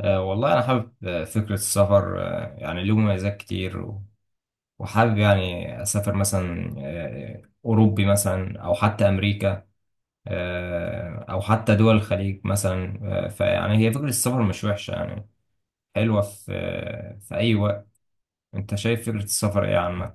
والله أنا حابب فكرة السفر، يعني له مميزات كتير وحابب يعني أسافر مثلا أوروبي مثلا أو حتى أمريكا، أو حتى دول الخليج مثلا. فيعني هي فكرة السفر مش وحشة، يعني حلوة في في أي وقت. أنت شايف فكرة السفر إيه عامة؟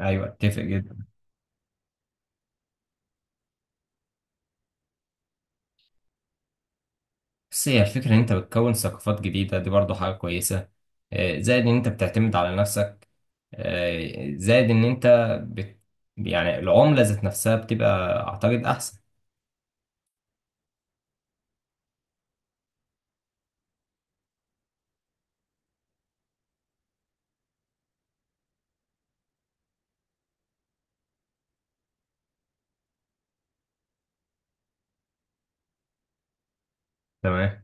أيوة، أتفق جدا. بس هي الفكرة إن أنت بتكون ثقافات جديدة، دي برضو حاجة كويسة. زائد إن أنت بتعتمد على نفسك، زائد إن أنت بت... يعني العملة ذات نفسها بتبقى أعتقد أحسن. تمام.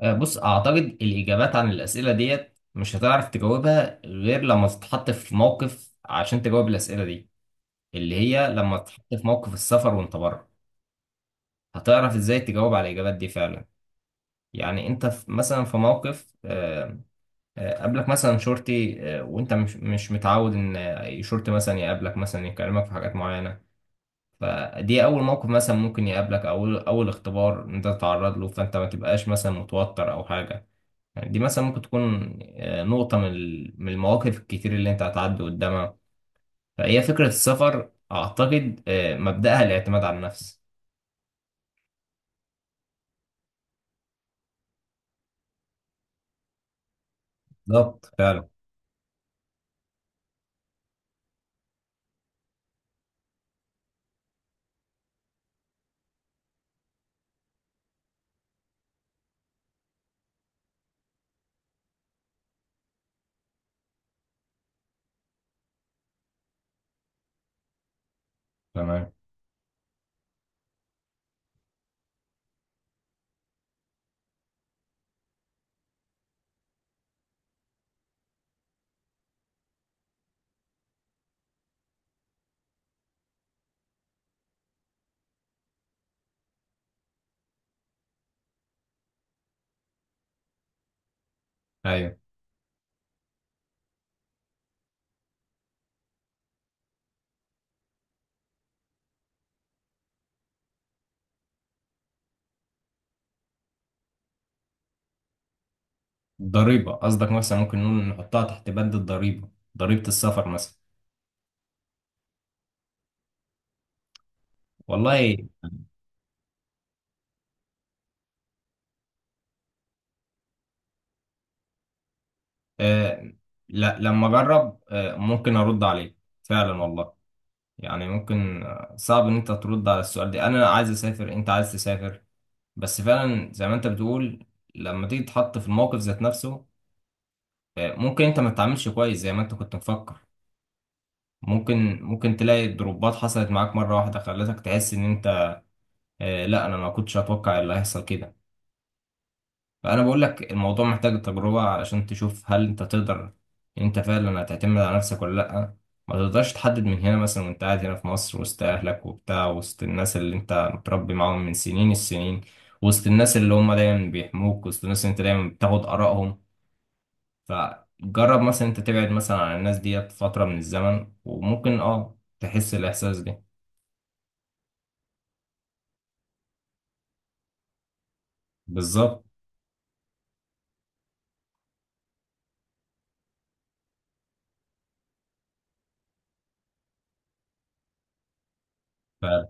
بص، أعتقد الإجابات عن الأسئلة ديت مش هتعرف تجاوبها غير لما تتحط في موقف عشان تجاوب الأسئلة دي، اللي هي لما تتحط في موقف السفر وأنت بره هتعرف إزاي تجاوب على الإجابات دي فعلا. يعني أنت في مثلا في موقف، قابلك مثلا شرطي، وانت مش متعود ان شرطي مثلا يقابلك، مثلا يكلمك في حاجات معينه. فدي اول موقف مثلا ممكن يقابلك، او اول اختبار انت تتعرض له، فانت ما تبقاش مثلا متوتر او حاجه. يعني دي مثلا ممكن تكون نقطه من من المواقف الكتير اللي انت هتعدي قدامها. فهي فكره السفر اعتقد مبداها الاعتماد على النفس. بالظبط فعلا. تمام. ايوه. الضريبه قصدك، مثلا ممكن نقول نحطها تحت بند الضريبه. ضريبه السفر مثلا. والله. آه، لا، لما اجرب ممكن ارد عليك. فعلا والله. يعني ممكن صعب ان انت ترد على السؤال ده. انا عايز اسافر، انت عايز تسافر. بس فعلا زي ما انت بتقول، لما تيجي تتحط في الموقف ذات نفسه ممكن انت ما تتعاملش كويس زي ما انت كنت مفكر. ممكن تلاقي ضربات حصلت معاك مرة واحدة خلتك تحس ان انت: آه، لا، انا ما كنتش اتوقع اللي هيحصل كده. فأنا بقول لك الموضوع محتاج تجربة عشان تشوف هل أنت تقدر إن أنت فعلا هتعتمد على نفسك ولا لأ. ما تقدرش تحدد من هنا مثلا وأنت قاعد هنا في مصر وسط أهلك وبتاع، وسط الناس اللي أنت متربي معاهم من سنين السنين، وسط الناس اللي هم دايما بيحموك، وسط الناس اللي أنت دايما بتاخد آرائهم. فجرب مثلا أنت تبعد مثلا عن الناس ديت فترة من الزمن وممكن تحس الإحساس ده. بالظبط. ف-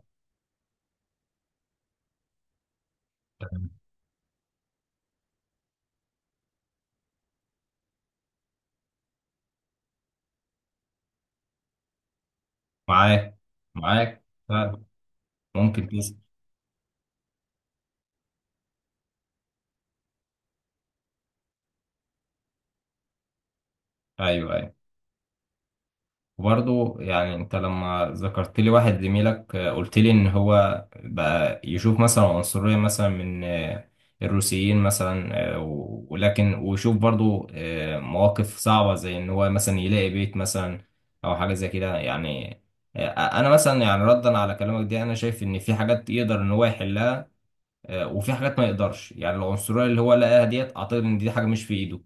معاك. معاك ف- ممكن تسأل. أيوه، أيوه. وبرضه يعني انت لما ذكرت لي واحد زميلك، قلت لي ان هو بقى يشوف مثلا عنصرية مثلا من الروسيين مثلا، ولكن ويشوف برضه مواقف صعبة زي ان هو مثلا يلاقي بيت مثلا او حاجة زي كده يعني. انا مثلا يعني ردا على كلامك دي، انا شايف ان في حاجات يقدر ان هو يحلها، وفي حاجات ما يقدرش. يعني العنصرية اللي هو لقاها ديت اعتقد ان دي حاجة مش في ايده.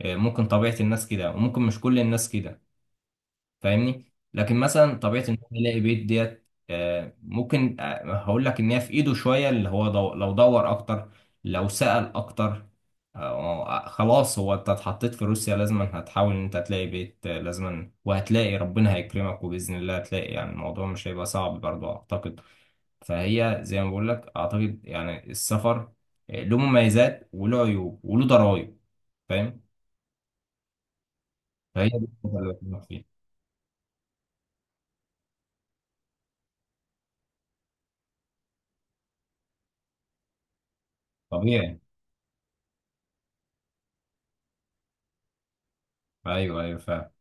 ممكن طبيعة الناس كده، وممكن مش كل الناس كده، فاهمني. لكن مثلا طبيعه ان هو يلاقي بيت ديت ممكن، هقول لك ان هي في ايده شويه. اللي هو لو دور اكتر، لو سأل اكتر. خلاص، هو انت اتحطيت في روسيا لازما هتحاول ان انت تلاقي بيت، لازما، وهتلاقي، ربنا هيكرمك وباذن الله هتلاقي. يعني الموضوع مش هيبقى صعب برضه اعتقد. فهي زي ما بقول لك اعتقد يعني السفر له مميزات وله عيوب وله ضرائب، فاهم. فهي دي النقطة اللي بكلمك فيها. طبيعي. ايوه، ايوه، فاهم.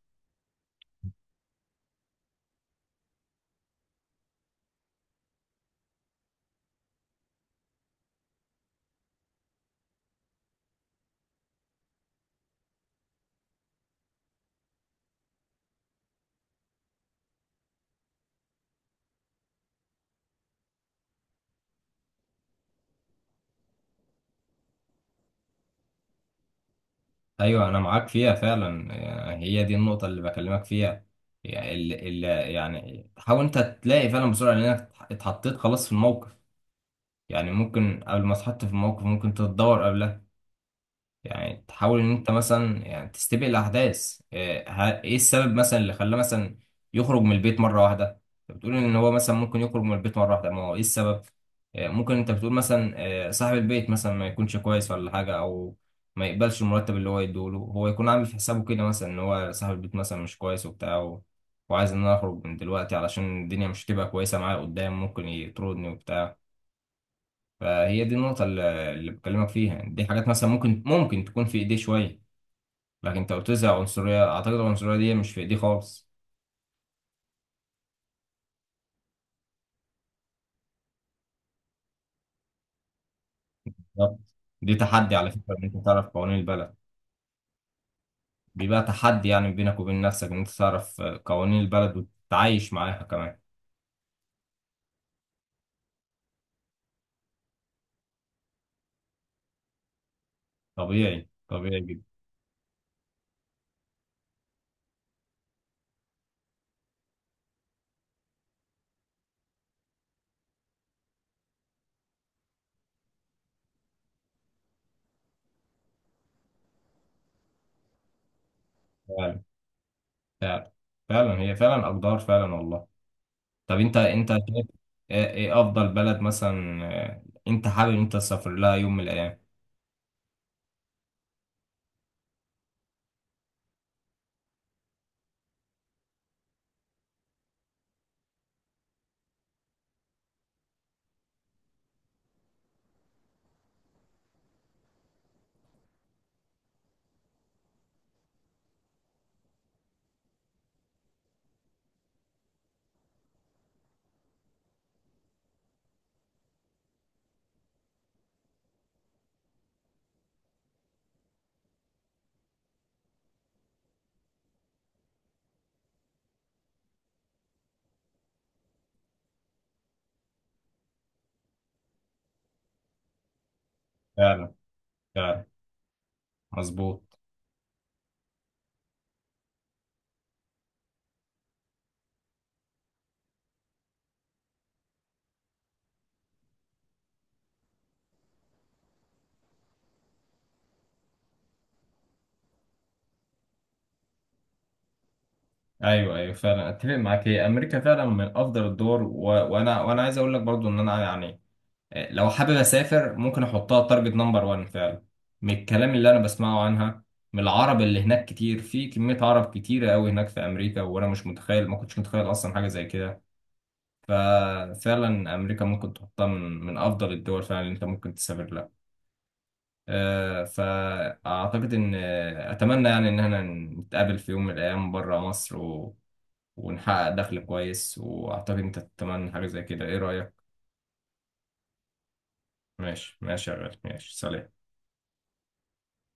ايوه انا معاك فيها فعلا. يعني هي دي النقطه اللي بكلمك فيها. يعني يعني حاول انت تلاقي فعلا بسرعه لانك اتحطيت خلاص في الموقف. يعني ممكن قبل ما تتحط في الموقف ممكن تتدور قبلها. يعني تحاول ان انت مثلا يعني تستبق الاحداث. إيه السبب مثلا اللي خلاه مثلا يخرج من البيت مره واحده. انت بتقول ان هو مثلا ممكن يخرج من البيت مره واحده، ما هو ايه السبب؟ إيه ممكن انت بتقول مثلا، إيه صاحب البيت مثلا ما يكونش كويس ولا حاجه، او ما يقبلش المرتب اللي هو يديهوله. هو يكون عامل في حسابه كده مثلا ان هو صاحب البيت مثلا مش كويس وبتاع وعايز ان انا اخرج من دلوقتي علشان الدنيا مش هتبقى كويسه معايا قدام، ممكن يطردني وبتاع. فهي دي النقطه اللي بكلمك فيها. دي حاجات مثلا ممكن تكون في ايديه شويه. لكن انت قلت لي عنصرية، اعتقد العنصرية دي مش في ايدي خالص. بالظبط. دي تحدي على فكرة، ان انت تعرف قوانين البلد. بيبقى تحدي يعني بينك وبين نفسك ان انت تعرف قوانين البلد وتتعايش معاها كمان. طبيعي، طبيعي جدا. فعلا، فعلا، فعلا، هي فعلا اقدار، فعلا والله. طب انت، شايف ايه افضل بلد مثلا، انت حابب ان انت تسافر لها يوم من الايام؟ فعلا، فعلا مظبوط. ايوه، ايوه، فعلا اتفق معاك. هي امريكا فعلا من افضل الدول. و... وانا وانا عايز اقول لك برضو ان انا يعني لو حابب اسافر ممكن احطها تارجت نمبر 1 فعلا، من الكلام اللي انا بسمعه عنها، من العرب اللي هناك. كتير، في كمية عرب كتيرة قوي هناك في امريكا، وانا مش متخيل، ما كنتش متخيل اصلا حاجة زي كده. ففعلا امريكا ممكن تحطها من افضل الدول فعلا اللي انت ممكن تسافر لها. فاعتقد ان اتمنى يعني ان احنا نتقابل في يوم من الايام بره مصر، ونحقق دخل كويس. واعتقد انت تتمنى حاجة زي كده، ايه رأيك؟ ماشي، ماشي يا غالي، ماشي، سلام.